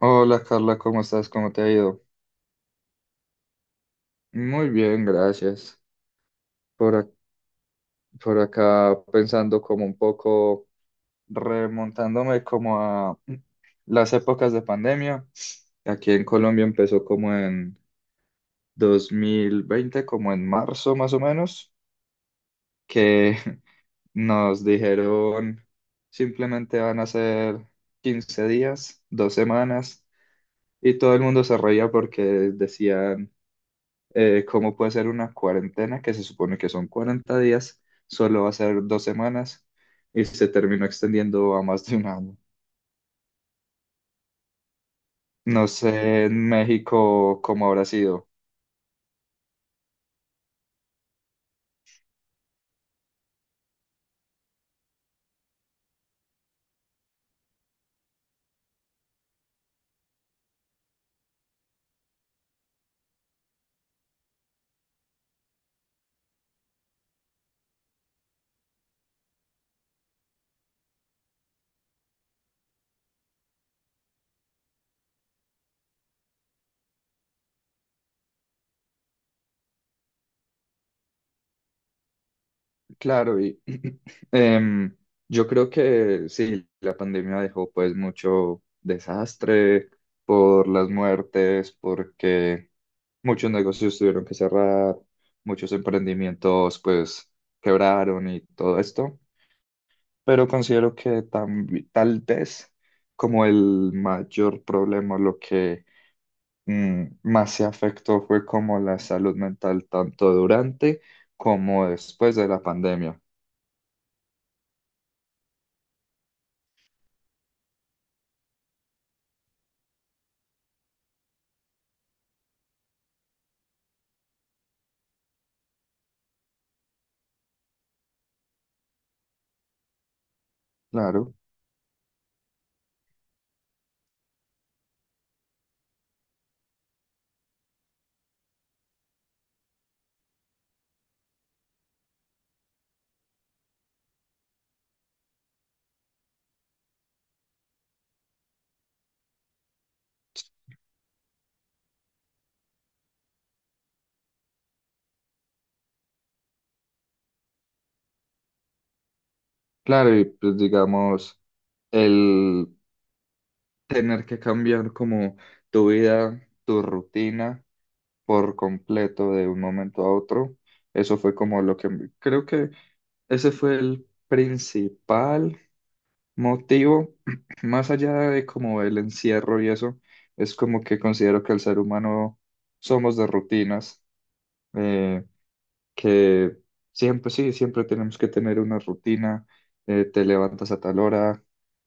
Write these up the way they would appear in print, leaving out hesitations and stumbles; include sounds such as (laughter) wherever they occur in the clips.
Hola Carla, ¿cómo estás? ¿Cómo te ha ido? Muy bien, gracias. Por, ac- por acá pensando como un poco, remontándome como a (clears throat) las épocas de pandemia. Aquí en Colombia empezó como en 2020, como en marzo más o menos, que (laughs) nos dijeron simplemente van a ser 15 días, 2 semanas, y todo el mundo se reía porque decían, cómo puede ser una cuarentena que se supone que son 40 días, solo va a ser 2 semanas y se terminó extendiendo a más de un año. No sé en México cómo habrá sido. Claro, y (clears throat) em, yo creo que sí, la pandemia dejó pues mucho desastre por las muertes, porque muchos negocios tuvieron que cerrar, muchos emprendimientos pues quebraron y todo esto. Pero considero que tal vez como el mayor problema, lo que más se afectó fue como la salud mental, tanto durante como después de la pandemia. Claro, claro, y pues digamos, el tener que cambiar como tu vida, tu rutina por completo de un momento a otro, eso fue como lo que creo que ese fue el principal motivo, (clears throat) más allá de como el encierro y eso, es como que considero que el ser humano somos de rutinas. Eh, que siempre, sí, siempre tenemos que tener una rutina, te levantas a tal hora,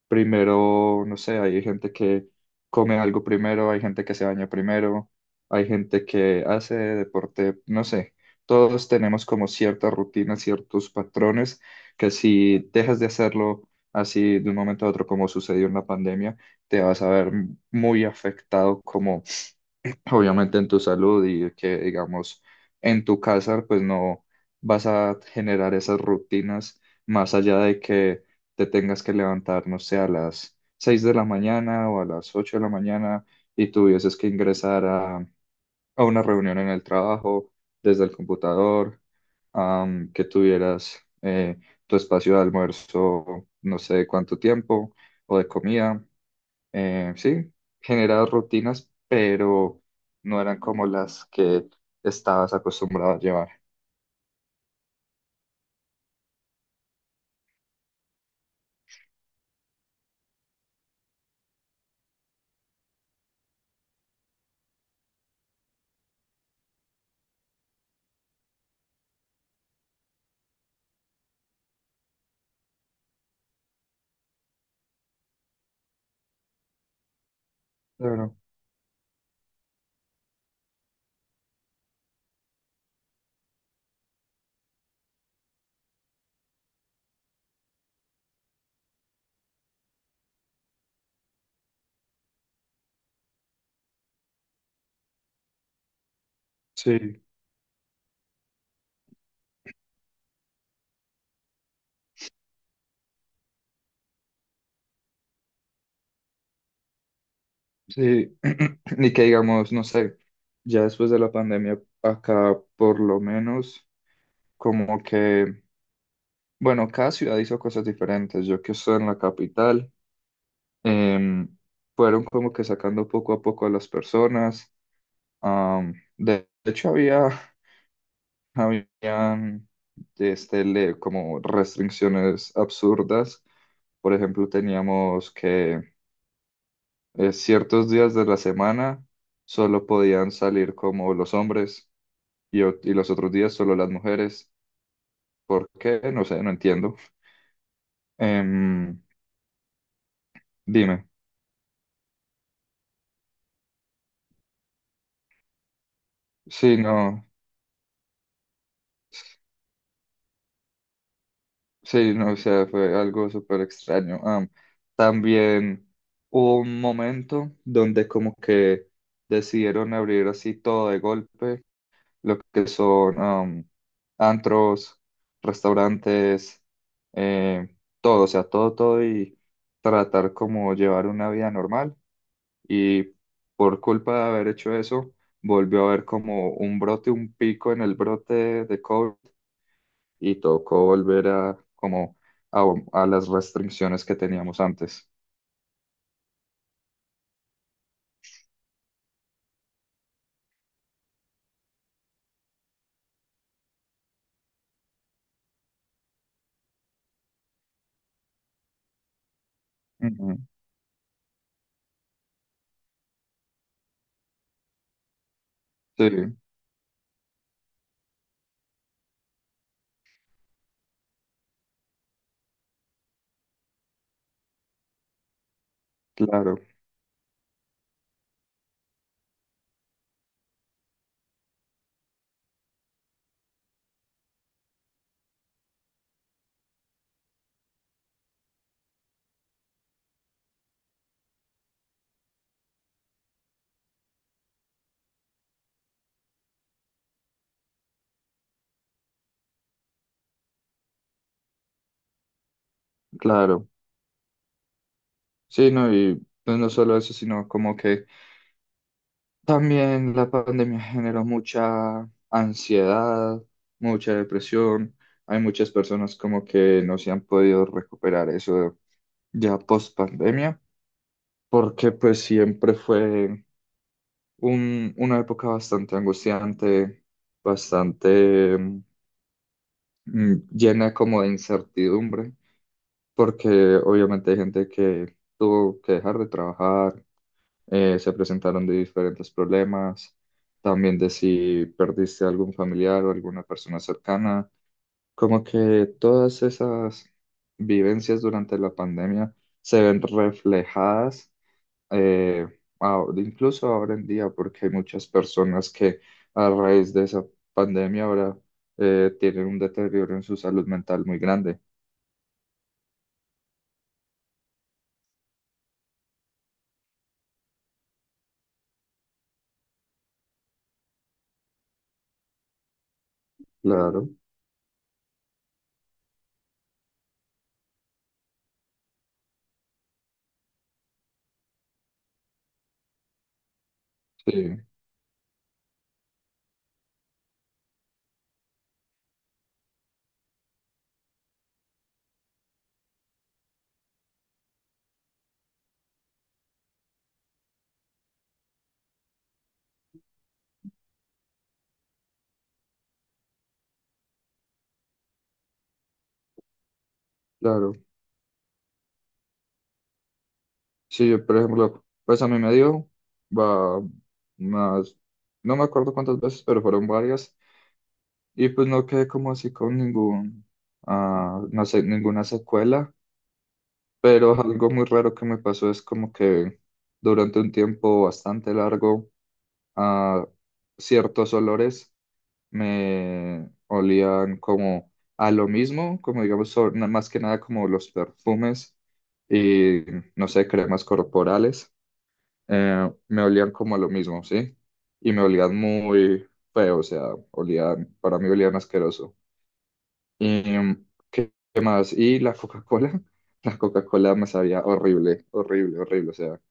primero, no sé, hay gente que come algo primero, hay gente que se baña primero, hay gente que hace deporte, no sé, todos tenemos como ciertas rutinas, ciertos patrones que si dejas de hacerlo así de un momento a otro, como sucedió en la pandemia, te vas a ver muy afectado como obviamente en tu salud y que, digamos, en tu casa, pues no vas a generar esas rutinas más allá de que te tengas que levantar, no sé, a las 6 de la mañana o a las 8 de la mañana y tuvieses que ingresar a una reunión en el trabajo desde el computador, que tuvieras tu espacio de almuerzo, no sé cuánto tiempo, o de comida sí, generaba rutinas, pero no eran como las que estabas acostumbrado a llevar. Claro, sí, sí. (clears throat) Ni que digamos, no sé, ya después de la pandemia, acá por lo menos, como que, bueno, cada ciudad hizo cosas diferentes. Yo que estoy en la capital, em, fueron como que sacando poco a poco a las personas. De hecho, Habían este, como restricciones absurdas. Por ejemplo, teníamos que ciertos días de la semana solo podían salir como los hombres y, o- y los otros días solo las mujeres. ¿Por qué? No sé, no entiendo. Em, Dime. Sí, no, sí, no, o sea, fue algo súper extraño. También hubo un momento donde como que decidieron abrir así todo de golpe lo que son antros, restaurantes, eh, todo, o sea, todo, todo y tratar como llevar una vida normal. Y por culpa de haber hecho eso, volvió a haber como un brote, un pico en el brote de COVID y tocó volver a como a, a las restricciones que teníamos antes. Ujú. Sí, claro, claro. Sí, no, y pues no solo eso, sino como que. También la pandemia generó mucha ansiedad, mucha depresión. Hay muchas personas como que no se han podido recuperar eso ya post pandemia, porque pues siempre fue un- una época bastante angustiante, bastante llena como de incertidumbre, porque obviamente hay gente que tuvo que dejar de trabajar, se presentaron de diferentes problemas, también de si perdiste algún familiar o alguna persona cercana, como que todas esas vivencias durante la pandemia se ven reflejadas, eh, incluso ahora en día, porque hay muchas personas que a raíz de esa pandemia ahora tienen un deterioro en su salud mental muy grande. Claro, sí, claro. Sí, yo, por ejemplo, pues a mí me dio, va, más, no me acuerdo cuántas veces, pero fueron varias, y pues no quedé como así con ningún, no sé, ninguna secuela, pero algo muy raro que me pasó es como que durante un tiempo bastante largo, ah, ciertos olores me olían como a lo mismo, como digamos, más que nada como los perfumes y, no sé, cremas corporales me olían como a lo mismo, ¿sí? Y me olían muy feo, o sea, olían, para mí olían asqueroso. ¿Y qué más? Y la Coca-Cola, (laughs) la Coca-Cola me sabía horrible, horrible, horrible, o sea,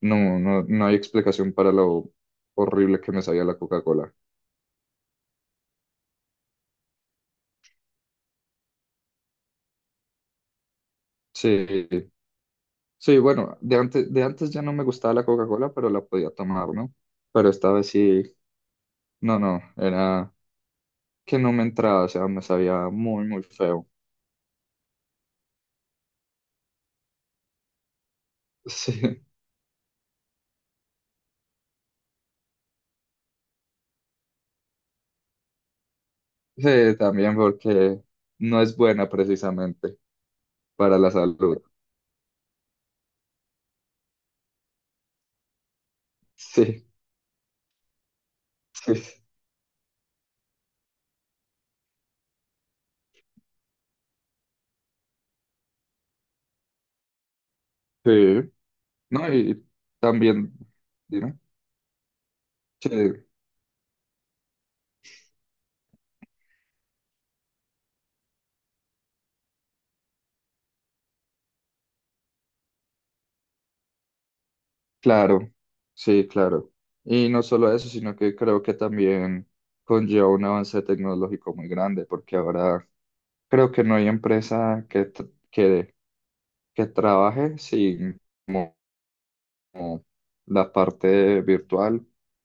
no, no, no hay explicación para lo horrible que me sabía la Coca-Cola. Sí, sí, bueno, de antes ya no me gustaba la Coca-Cola, pero la podía tomar, ¿no? Pero esta vez sí, no, no, era que no me entraba, o sea, me sabía muy, muy feo. (laughs) Sí. Sí, también porque no es buena precisamente para la salud. Sí, (laughs) sí, sí. No, y también, dime. Sí, claro, sí, claro. Y no solo eso, sino que creo que también conlleva un avance tecnológico muy grande, porque ahora creo que no hay empresa que, que, trabaje sin como la parte virtual,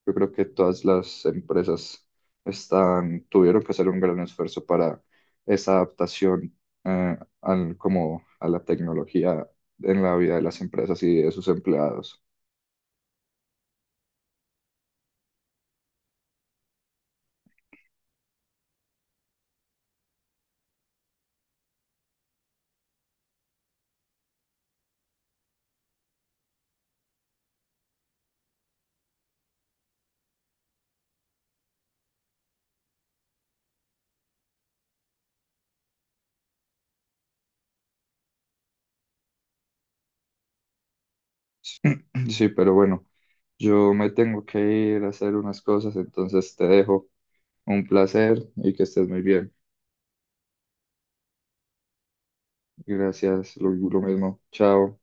yo creo que todas las empresas tuvieron que hacer un gran esfuerzo para esa adaptación como a la tecnología en la vida de las empresas y de sus empleados. (clears throat) Sí, pero bueno, yo me tengo que ir a hacer unas cosas, entonces te dejo. Un placer y que estés muy bien. Gracias, lo mismo. Chao.